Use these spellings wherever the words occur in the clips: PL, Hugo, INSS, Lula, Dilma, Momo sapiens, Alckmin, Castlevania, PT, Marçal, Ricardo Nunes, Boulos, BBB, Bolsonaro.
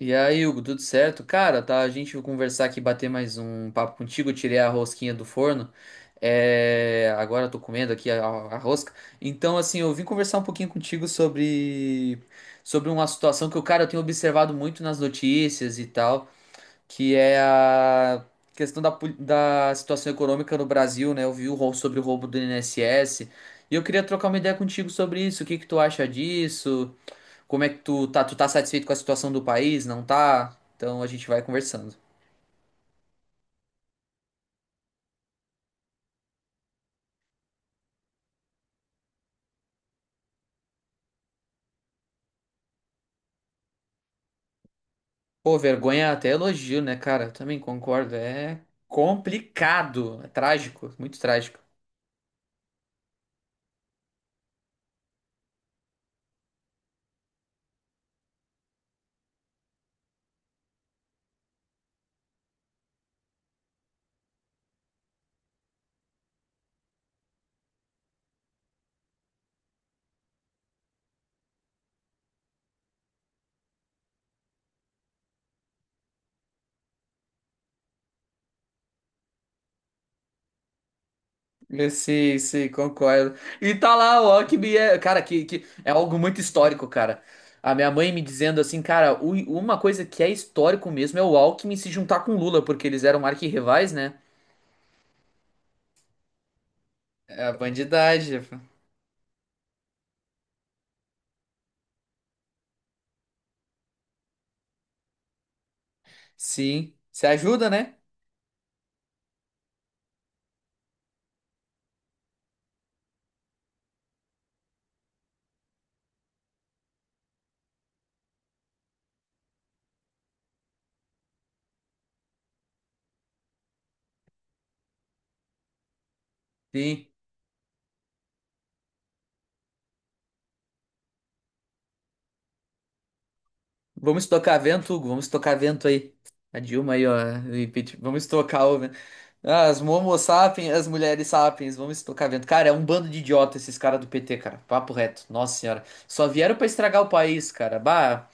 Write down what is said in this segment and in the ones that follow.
E aí, Hugo, tudo certo? Cara, tá, a gente vai conversar aqui, bater mais um papo contigo. Eu tirei a rosquinha do forno. É, agora eu tô comendo aqui a rosca. Eu vim conversar um pouquinho contigo sobre uma situação que, eu, cara, eu tenho observado muito nas notícias e tal, que é a questão da, da situação econômica no Brasil, né? Eu vi o sobre o roubo do INSS. E eu queria trocar uma ideia contigo sobre isso. O que que tu acha disso? Como é que tu tá? Tu tá satisfeito com a situação do país? Não tá? Então a gente vai conversando. Pô, vergonha é até elogio, né, cara? Eu também concordo. É complicado. É trágico. Muito trágico. Eu, sim, sim, concordo. E tá lá o Alckmin, é, cara, que é algo muito histórico, cara. A minha mãe me dizendo assim, cara, uma coisa que é histórico mesmo é o Alckmin se juntar com o Lula, porque eles eram arquirrivais, né? É a bandidagem. Sim, se ajuda, né? Sim. Vamos estocar vento, Hugo. Vamos estocar vento aí. A Dilma aí, ó. E Pete, vamos estocar o vento. Ah, as Momo sapiens, as mulheres sapiens. Vamos estocar vento. Cara, é um bando de idiota esses caras do PT, cara. Papo reto. Nossa senhora. Só vieram pra estragar o país, cara. Bah.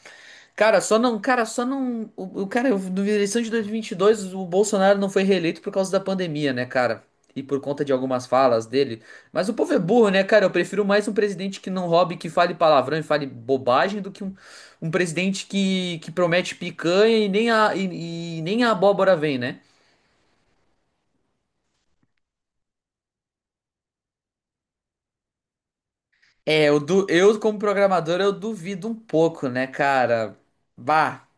Cara, só não, o cara, eu- na eleição de 2022, o Bolsonaro não foi reeleito por causa da pandemia, né, cara? E por conta de algumas falas dele. Mas o povo é burro, né, cara? Eu prefiro mais um presidente que não roube, que fale palavrão e fale bobagem, do que um presidente que promete picanha e nem a, e nem a abóbora vem, né? É, eu, eu como programador, eu duvido um pouco, né, cara? Bah,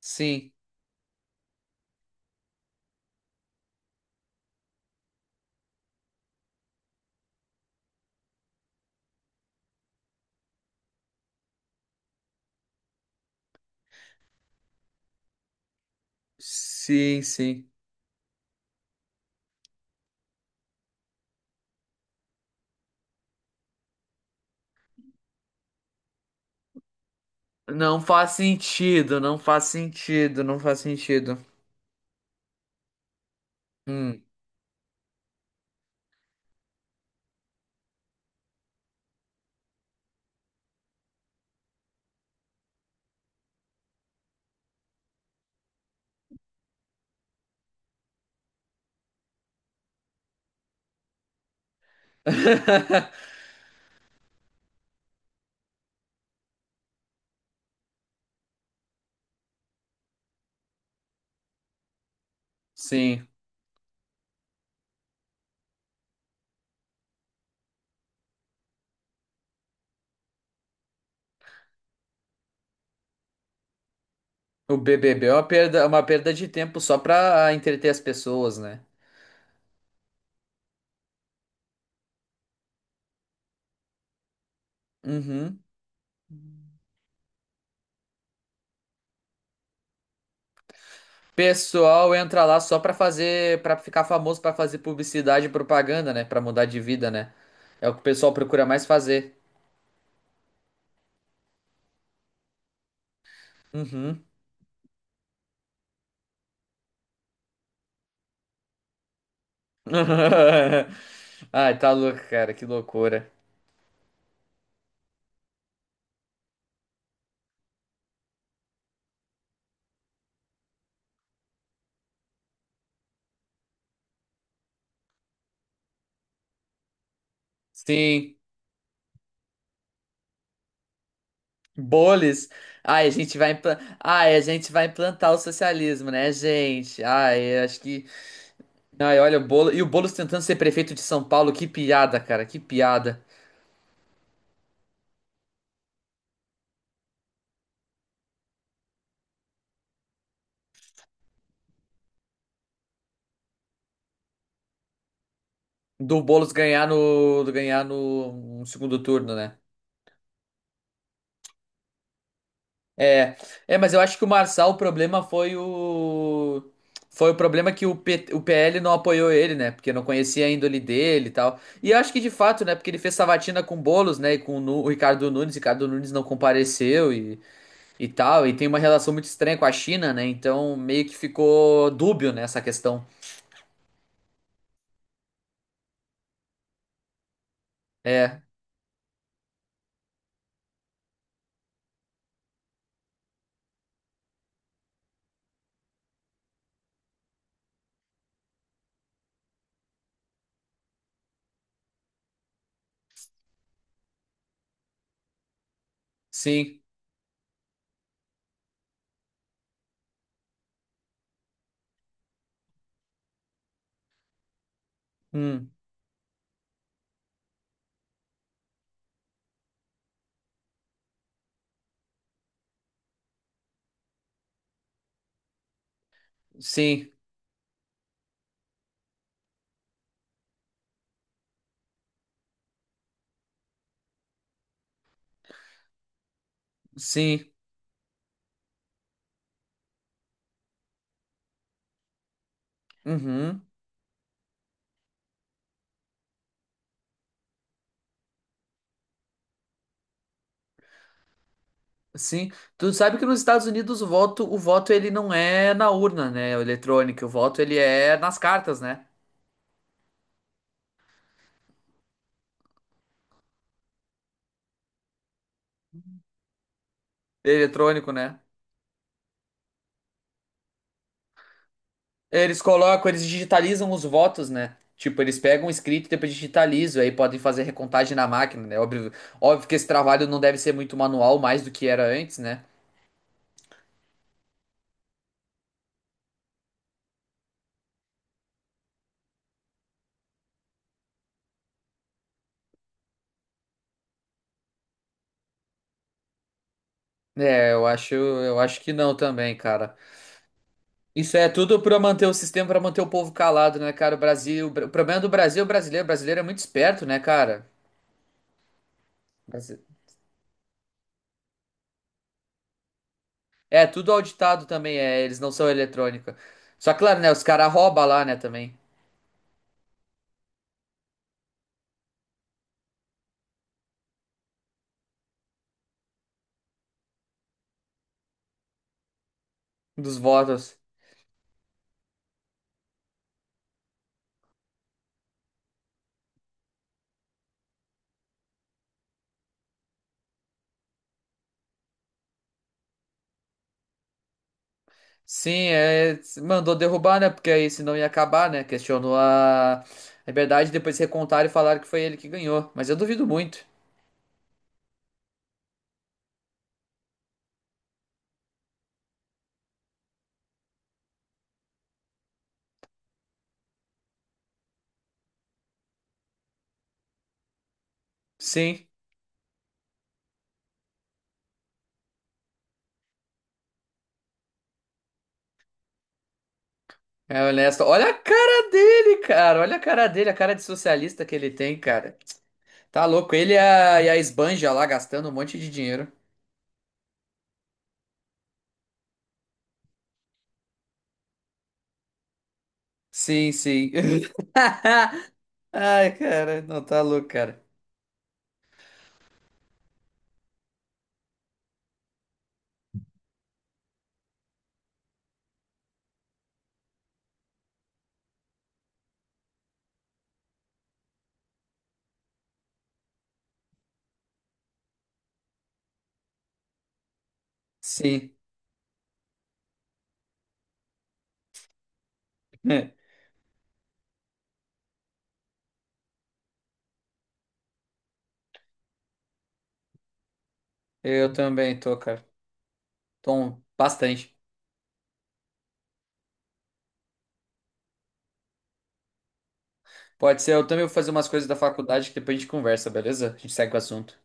sim, sim, sim. Não faz sentido, não faz sentido, não faz sentido. Hum. Sim. O BBB é uma perda de tempo só pra entreter as pessoas, né? Uhum. Pessoal entra lá só pra fazer, pra ficar famoso, pra fazer publicidade e propaganda, né? Pra mudar de vida, né? É o que o pessoal procura mais fazer. Uhum. Ai, tá louco, cara, que loucura. Sim. Boles. Ai, a gente vai implan... Ai, a gente vai implantar o socialismo, né, gente? Ai, acho que. Ai, olha o Boulos. E o Boulos tentando ser prefeito de São Paulo, que piada, cara, que piada. Do Boulos ganhar no. Do ganhar no segundo turno, né? É. É, mas eu acho que o Marçal, o problema foi o. Foi o problema que o PL não apoiou ele, né? Porque não conhecia a índole dele e tal. E eu acho que de fato, né? Porque ele fez sabatina com o Boulos, né? E com o o Ricardo Nunes. Ricardo Nunes não compareceu e tal, e tem uma relação muito estranha com a China, né? Então meio que ficou dúbio nessa questão. É, sim, hum, sim, sim, uhum, sim. Tu sabe que nos Estados Unidos o voto ele não é na urna, né? O eletrônico, o voto ele é nas cartas, né? Eletrônico, né? Eles colocam, eles digitalizam os votos, né? Tipo, eles pegam o escrito e depois digitalizam, aí podem fazer recontagem na máquina, né? Óbvio, óbvio que esse trabalho não deve ser muito manual, mais do que era antes, né? É, eu acho que não também, cara. Isso é tudo pra manter o sistema, pra manter o povo calado, né, cara? O Brasil, o problema do Brasil é o brasileiro. O brasileiro é muito esperto, né, cara? Brasi- É, tudo auditado também, é, eles não são eletrônica. Só claro, né, os caras roubam lá, né, também, dos votos. Sim, é, mandou derrubar, né, porque aí senão ia acabar, né? Questionou a liberdade, depois recontaram e falaram que foi ele que ganhou. Mas eu duvido muito. Sim. É honesto. Olha a cara dele, cara. Olha a cara dele, a cara de socialista que ele tem, cara. Tá louco. Ele e a esbanja lá gastando um monte de dinheiro. Sim, sim. Ai, cara. Não, tá louco, cara. Sim. Eu também tô, cara. Tô um, bastante. Pode ser. Eu também vou fazer umas coisas da faculdade que depois a gente conversa, beleza? A gente segue o assunto.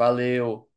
Valeu.